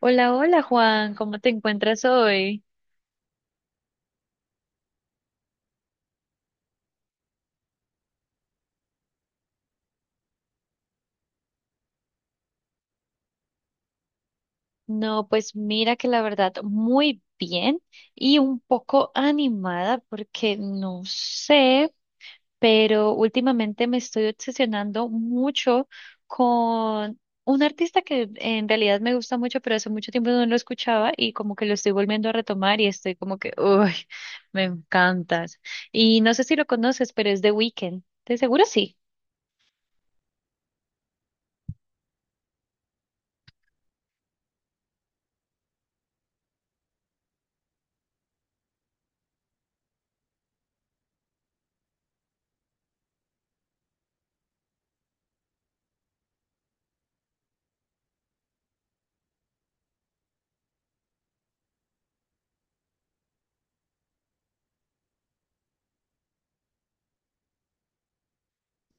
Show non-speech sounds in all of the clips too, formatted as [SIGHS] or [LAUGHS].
Hola, hola Juan, ¿cómo te encuentras hoy? No, pues mira que la verdad muy bien y un poco animada porque no sé, pero últimamente me estoy obsesionando mucho con un artista que en realidad me gusta mucho, pero hace mucho tiempo no lo escuchaba y como que lo estoy volviendo a retomar y estoy como que, uy, me encantas. Y no sé si lo conoces, pero es The Weeknd. ¿De seguro sí?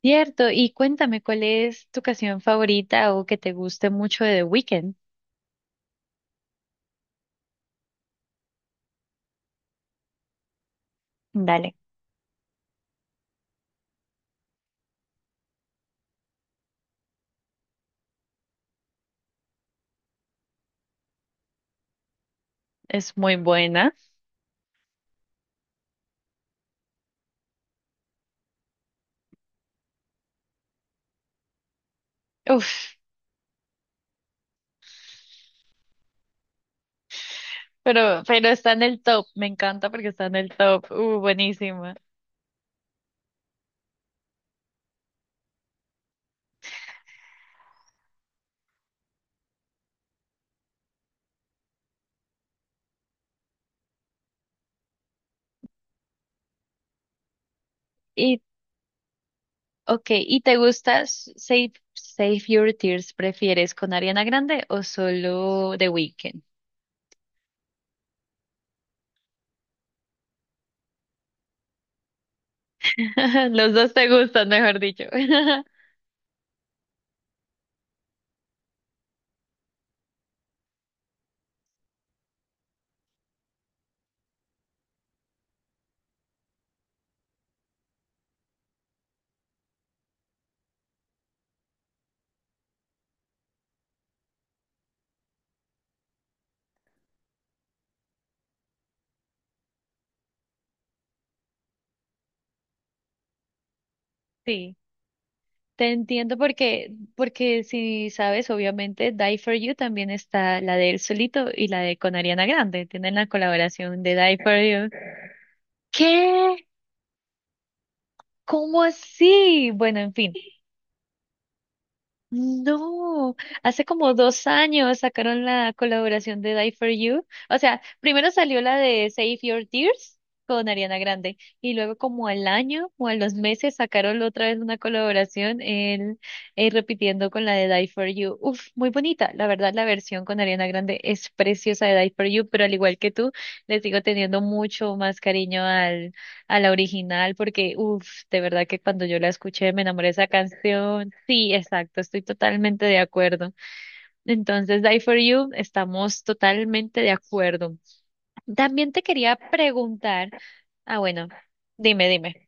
Cierto, y cuéntame cuál es tu canción favorita o que te guste mucho de The Weeknd. Dale. Es muy buena. Uf, pero está en el top. Me encanta porque está en el top. Buenísima. Y, ok, ¿y te gusta Save Your Tears? ¿Prefieres con Ariana Grande o solo The Weeknd? [LAUGHS] Los dos te gustan, mejor dicho. [LAUGHS] Sí. Te entiendo porque, porque si sabes, obviamente Die For You también está la de él solito y la de con Ariana Grande. Tienen la colaboración de Die For You. ¿Qué? ¿Cómo así? Bueno, en fin. No, hace como 2 años sacaron la colaboración de Die for You. O sea, primero salió la de Save Your Tears con Ariana Grande y luego como al año o a los meses sacaron otra vez una colaboración él repitiendo con la de Die for You. Uf, muy bonita. La verdad, la versión con Ariana Grande es preciosa de Die for You, pero al igual que tú, le sigo teniendo mucho más cariño a la original porque, uff, de verdad que cuando yo la escuché me enamoré de esa canción. Sí, exacto, estoy totalmente de acuerdo. Entonces, Die for You, estamos totalmente de acuerdo. También te quería preguntar, ah, bueno, dime, dime.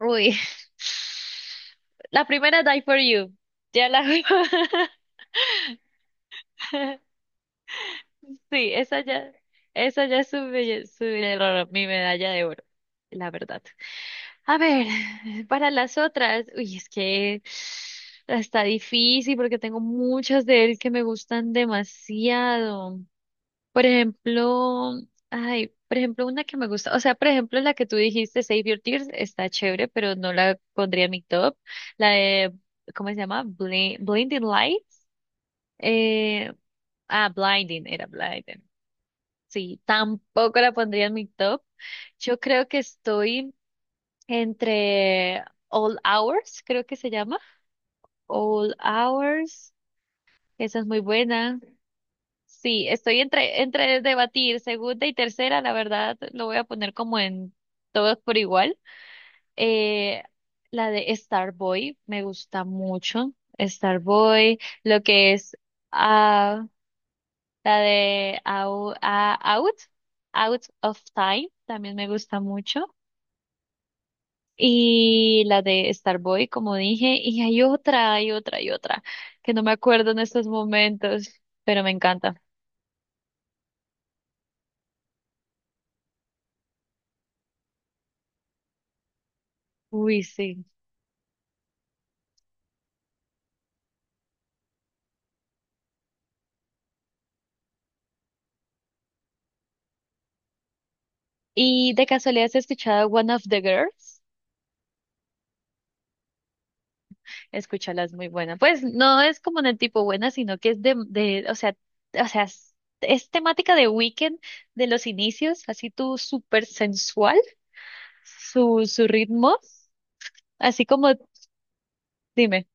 Uy, [LAUGHS] la primera Die for You, ya la... [LAUGHS] Sí, esa ya es mi medalla de oro, la verdad. A ver, [LAUGHS] [SIGHS] para las otras, uy, es que está difícil porque tengo muchas de él que me gustan demasiado. Por ejemplo, ay, por ejemplo, una que me gusta, o sea, por ejemplo, la que tú dijiste, Save Your Tears, está chévere, pero no la pondría en mi top. La de, ¿cómo se llama? Blinding Lights. Eh, Blinding, era Blinding. Sí, tampoco la pondría en mi top. Yo creo que estoy entre All Hours, creo que se llama. All Hours, esa es muy buena. Sí, estoy entre debatir segunda y tercera, la verdad lo voy a poner como en todos por igual. Eh, la de Starboy me gusta mucho. Starboy, lo que es ah, la de Au- ah, Out, Out of Time, también me gusta mucho. Y la de Starboy, como dije, y hay otra que no me acuerdo en estos momentos, pero me encanta. Uy, sí. ¿Y de casualidad has escuchado One of the Girls? Escúchala, es muy buena. Pues no es como en el tipo buena, sino que es o sea, o sea, es, es temática de Weekend de los inicios, así tú súper sensual, su ritmo, así como, dime,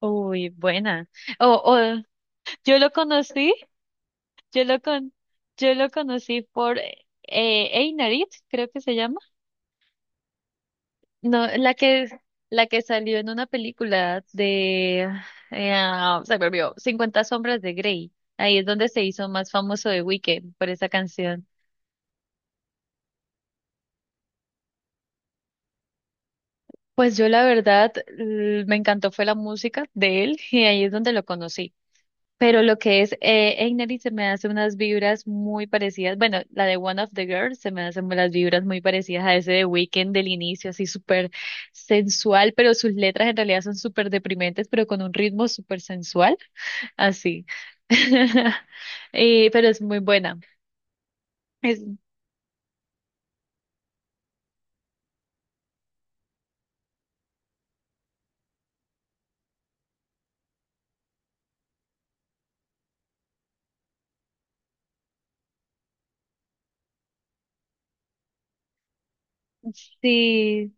uy, buena. O yo lo conocí. Yo lo con, yo lo conocí por Einarit, creo que se llama. No, la que salió en una película de, se me olvidó, Cincuenta sombras de Grey. Ahí es donde se hizo más famoso de Weekend por esa canción. Pues yo la verdad me encantó fue la música de él y ahí es donde lo conocí. Pero lo que es Einari se me hace unas vibras muy parecidas. Bueno, la de One of the Girls se me hacen las vibras muy parecidas a ese de Weekend del inicio, así súper sensual, pero sus letras en realidad son súper deprimentes, pero con un ritmo súper sensual, así. [LAUGHS] Pero es muy buena. Es- sí,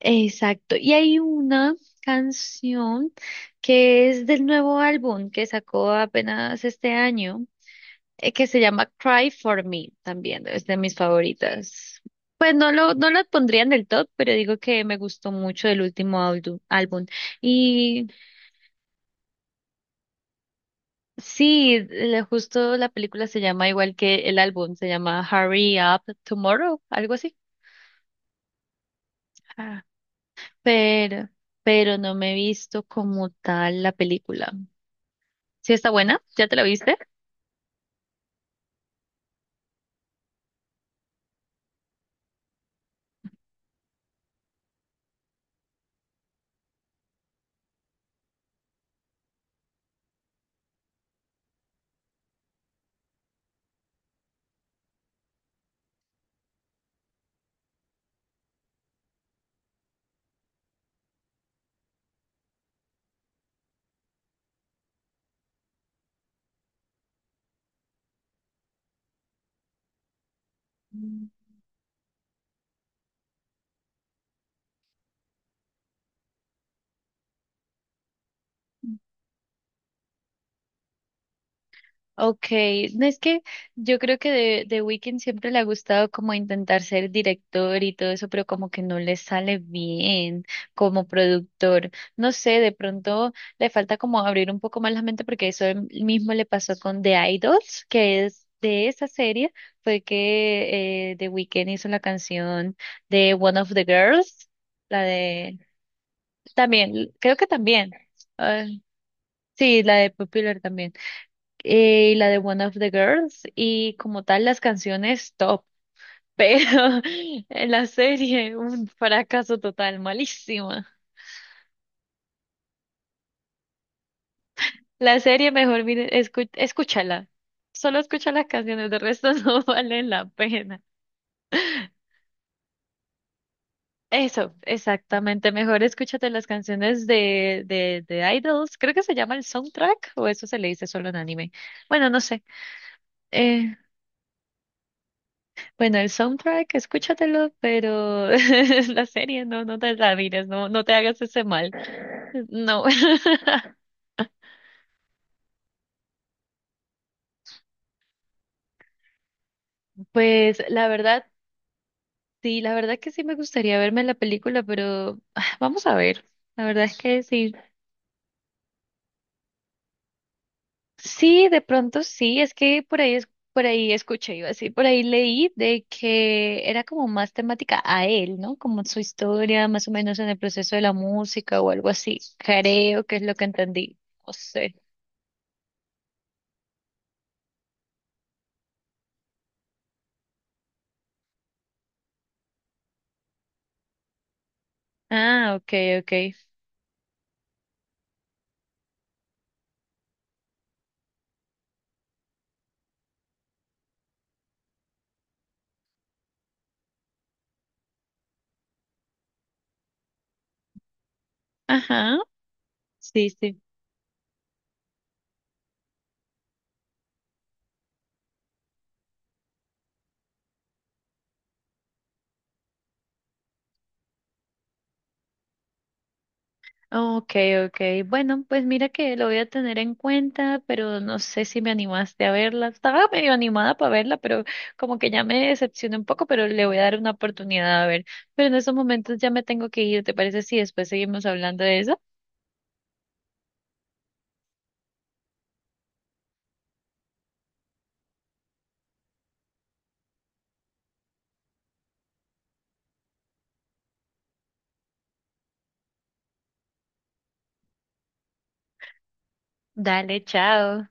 exacto. Y hay una canción que es del nuevo álbum que sacó apenas este año. Que se llama Cry for Me también, es de mis favoritas. Pues no lo pondría en el top, pero digo que me gustó mucho el último álbum. Y sí, justo la película se llama igual que el álbum, se llama Hurry Up Tomorrow, algo así. Ah, Pero, pero no me he visto como tal la película. ¿Sí está buena? ¿Ya te la viste? Mm. Okay, no es que yo creo que de Weeknd siempre le ha gustado como intentar ser director y todo eso, pero como que no le sale bien como productor. No sé, de pronto le falta como abrir un poco más la mente porque eso mismo le pasó con The Idols, que es de esa serie, fue que The Weeknd hizo la canción de One of the Girls, la de también, creo que también, ah, sí, la de Popular también y la de One of the Girls y como tal las canciones top, pero [LAUGHS] en la serie un fracaso total, malísima. La serie mejor mire, escúchala, solo escucha las canciones, de resto [LAUGHS] no valen la pena. Eso, exactamente, mejor escúchate las canciones de, de Idols, creo que se llama el soundtrack o eso se le dice solo en anime. Bueno, no sé. Eh, bueno, el soundtrack, escúchatelo, pero [LAUGHS] la serie no, no te la mires, no, no te hagas ese mal. No. [LAUGHS] Pues la verdad, sí, la verdad que sí me gustaría verme la película, pero ah, vamos a ver. La verdad es que sí. Sí, de pronto sí, es que por ahí es, por ahí escuché, iba a decir, por ahí leí de que era como más temática a él, ¿no? Como su historia, más o menos en el proceso de la música o algo así. Creo que es lo que entendí. No sé. Ah, okay, okay. Ajá, sí, sí. Okay, okay. Bueno, pues mira que lo voy a tener en cuenta, pero no sé si me animaste a verla. Estaba medio animada para verla, pero como que ya me decepcioné un poco, pero le voy a dar una oportunidad a ver. Pero en estos momentos ya me tengo que ir. ¿Te parece si después seguimos hablando de eso? Dale, chao.